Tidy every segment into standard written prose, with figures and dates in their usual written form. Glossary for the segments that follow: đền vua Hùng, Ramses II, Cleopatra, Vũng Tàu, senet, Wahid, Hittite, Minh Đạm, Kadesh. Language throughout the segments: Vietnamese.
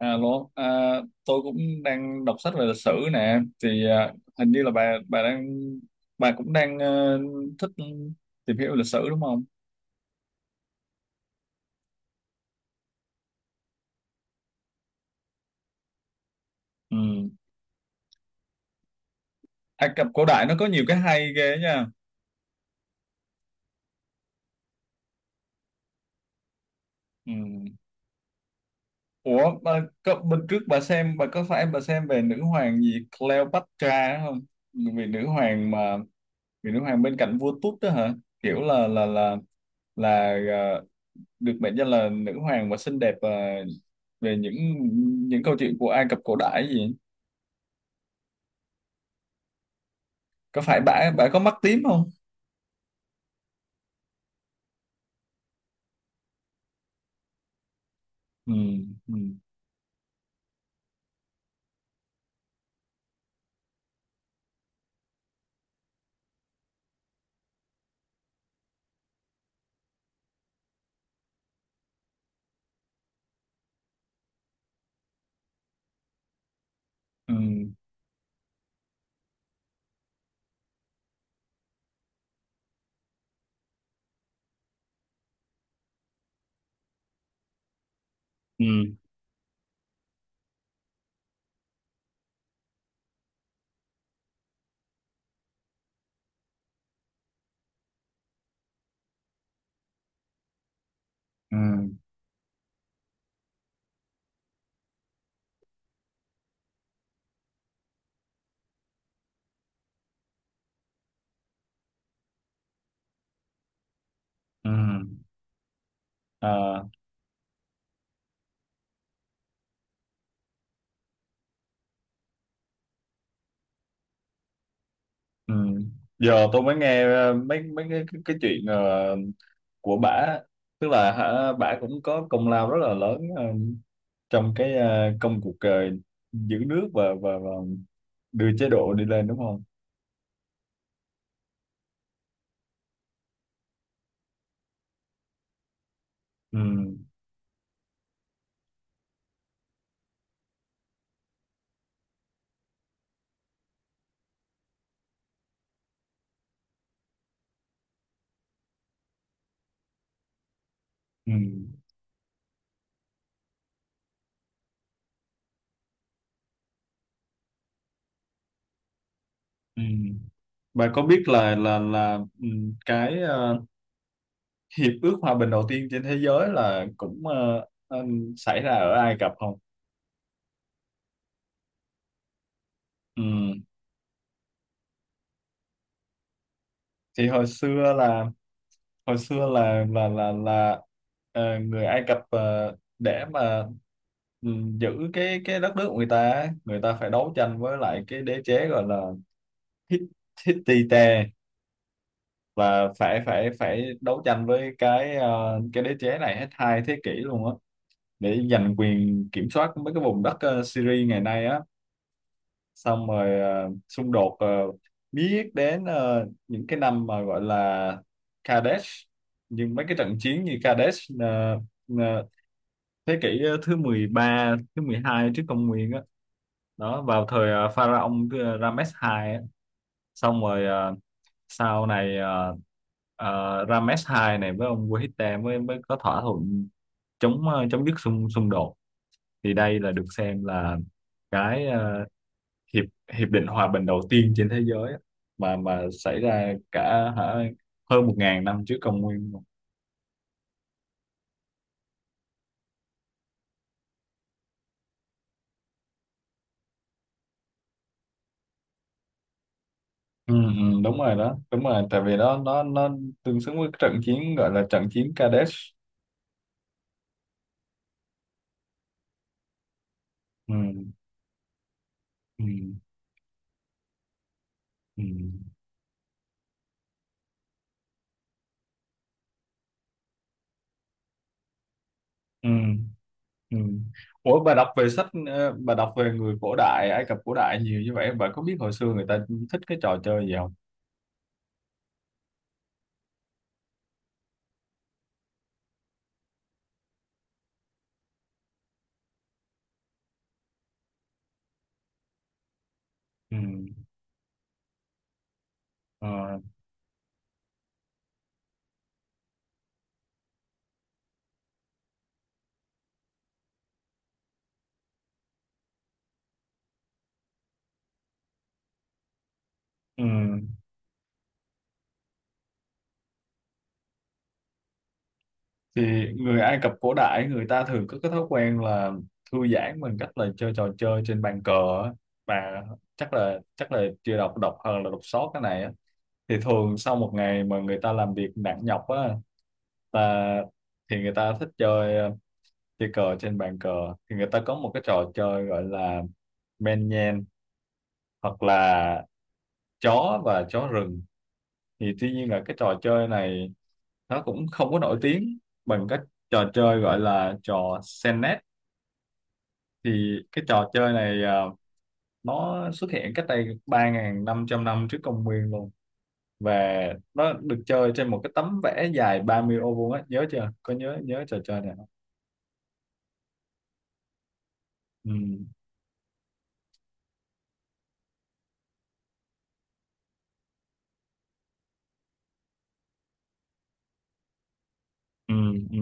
Alo, à, tôi cũng đang đọc sách về lịch sử nè. Thì hình như là bà cũng đang thích tìm hiểu lịch sử đúng không? Ừ. Ai Cập cổ đại nó có nhiều cái hay ghê nha. Ừ. Ủa, bà, có, bên trước bà xem bà có phải bà xem về nữ hoàng gì Cleopatra không? Vì nữ hoàng mà vì nữ hoàng bên cạnh vua Tút đó hả? Kiểu là là à, được mệnh danh là nữ hoàng và xinh đẹp và về những câu chuyện của Ai Cập cổ đại gì có phải bả bả có mắt tím không? Ừ, ừ, ừ, ừ, ừ, ừ, à, ừ. Giờ tôi mới nghe mấy mấy cái chuyện của bả, tức là hả, bả cũng có công lao rất là lớn trong cái công cuộc giữ nước và đưa chế độ đi lên đúng không? Ừ, ừ, ừ, ừ. Bạn có biết là cái hiệp ước hòa bình đầu tiên trên thế giới là cũng xảy ra ở Ai Cập không? Ừm. Thì hồi xưa là người Ai Cập để mà giữ cái đất nước của người ta á, người ta phải đấu tranh với lại cái đế chế gọi là Hit- Hittite, và phải phải phải đấu tranh với cái cái đế chế này hết 2 thế kỷ luôn á, để giành quyền kiểm soát mấy cái vùng đất Syria ngày nay á, xong rồi xung đột biết đến những cái năm mà gọi là Kadesh, nhưng mấy cái trận chiến như Kadesh ờ, thế kỷ thứ 13, thứ 12 trước công nguyên á, đó vào thời pharaoh Rames II á, xong rồi sau này Rames II này với ông Wahid mới mới có thỏa thuận chống chấm dứt xung xung đột. Thì đây là được xem là cái hiệp hiệp định hòa bình đầu tiên trên thế giới á, mà xảy ra cả hả, hơn 1.000 năm trước công nguyên luôn. Ừ, ừ, đúng rồi đó, đúng rồi, tại vì đó nó tương xứng với trận chiến gọi là trận chiến Kadesh. Ừ, ừ, ừ, ừ, ừ. Ủa, bà đọc về người cổ đại Ai Cập cổ đại nhiều như vậy, bà có biết hồi xưa người ta thích cái trò chơi gì không? Ừ, ờ, ừ. Thì người Ai Cập cổ đại người ta thường có cái thói quen là thư giãn bằng cách là chơi trò chơi trên bàn cờ á. Và chắc là chưa đọc đọc hơn là đọc sót cái này á. Thì thường sau một ngày mà người ta làm việc nặng nhọc á, là thì người ta thích chơi chơi cờ trên bàn cờ. Thì người ta có một cái trò chơi gọi là men nhen, hoặc là chó và chó rừng. Thì tuy nhiên là cái trò chơi này nó cũng không có nổi tiếng bằng các trò chơi gọi là trò senet. Thì cái trò chơi này nó xuất hiện cách đây 3.500 năm trước công nguyên luôn, và nó được chơi trên một cái tấm vẽ dài 30 ô vuông á. Nhớ chưa, có nhớ nhớ trò chơi này không? Ừ, ừ, ừ,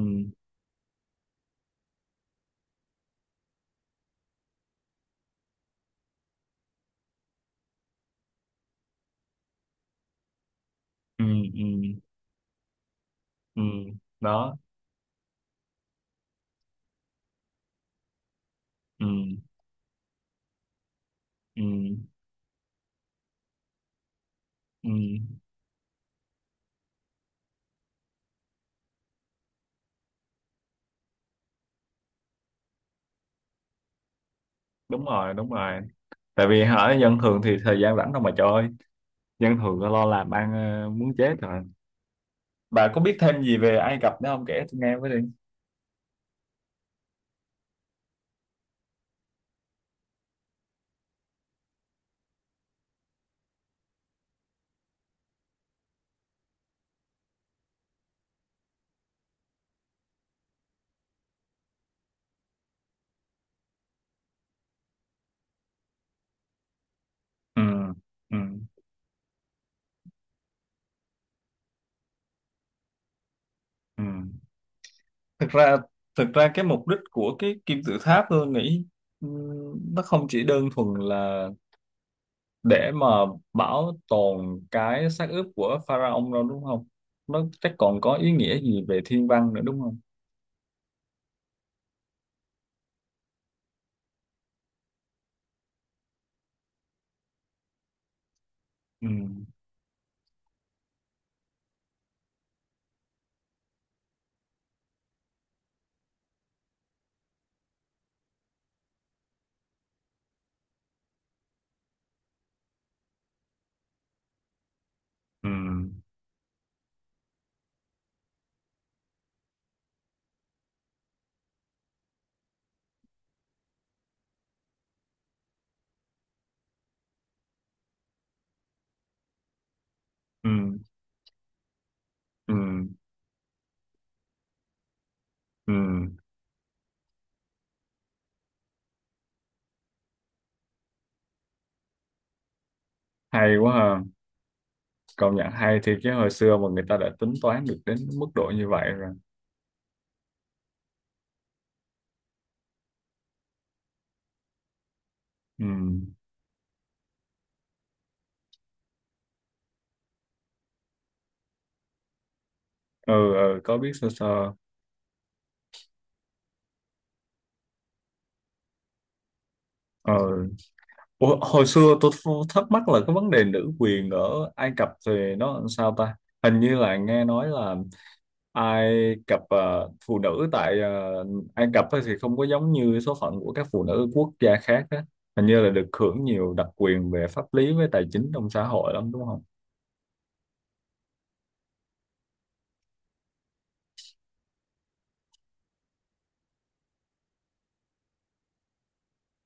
ừ, ừ, ừ, đó, ừ, ừ, ừ, đúng rồi, đúng rồi, tại vì hả, dân thường thì thời gian rảnh đâu mà chơi, dân thường lo làm ăn muốn chết rồi. Bà có biết thêm gì về Ai Cập nữa không, kể tôi nghe với đi. Ừ, ừ, ừ. Thực ra thực ra cái mục đích của cái kim tự tháp tôi nghĩ nó không chỉ đơn thuần là để mà bảo tồn cái xác ướp của pharaoh đâu đúng không? Nó chắc còn có ý nghĩa gì về thiên văn nữa đúng không? Ừ, ừ, ừ, ừ, ừ. Hay quá ha. Công nhận hay, thì cái hồi xưa mà người ta đã tính toán được đến mức độ như vậy rồi. Ừ, ừ, ừ có biết sơ sơ. Ừ. Ủa, hồi xưa tôi thắc mắc là cái vấn đề nữ quyền ở Ai Cập thì nó làm sao ta? Hình như là nghe nói là Ai Cập phụ nữ tại Ai Cập á thì không có giống như số phận của các phụ nữ quốc gia khác á. Hình như là được hưởng nhiều đặc quyền về pháp lý với tài chính trong xã hội lắm đúng không?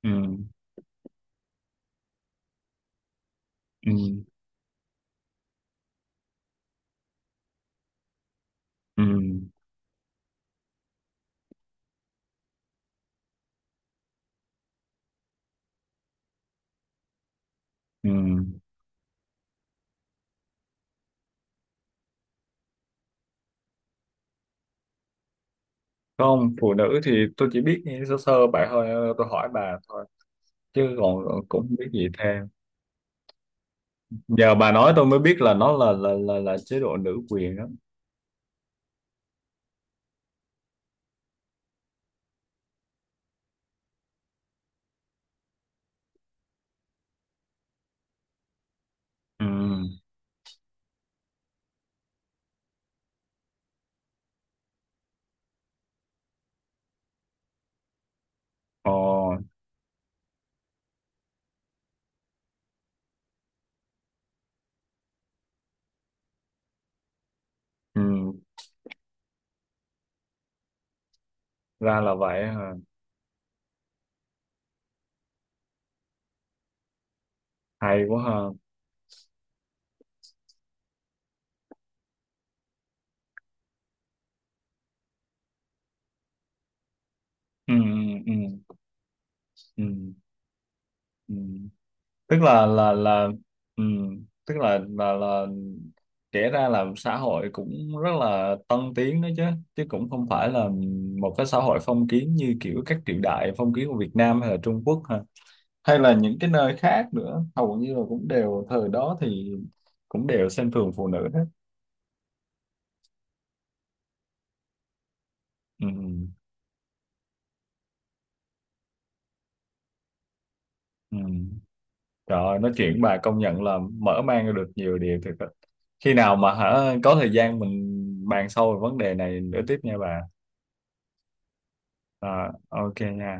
Ừ, ừ, ừ, ừ. Không, phụ nữ thì tôi chỉ biết sơ sơ bà thôi, tôi hỏi bà thôi, chứ còn cũng không biết gì thêm. Giờ bà nói tôi mới biết là nó là chế độ nữ quyền đó. Ừ, ờ, ừ, ra là vậy hả, hay quá ha, ừ, ừ, ừ, ừ, ừ. Tức là, ừ, tức là kể ra là xã hội cũng rất là tân tiến đó chứ chứ cũng không phải là một cái xã hội phong kiến như kiểu các triều đại phong kiến của Việt Nam hay là Trung Quốc ha, hay là những cái nơi khác nữa, hầu như là cũng đều thời đó thì cũng đều xem thường phụ nữ hết. Ừ, ừ. Trời ơi, nói chuyện với bà công nhận là mở mang ra được nhiều điều thiệt á. Khi nào mà hả có thời gian mình bàn sâu về vấn đề này nữa tiếp nha bà. À, ok nha.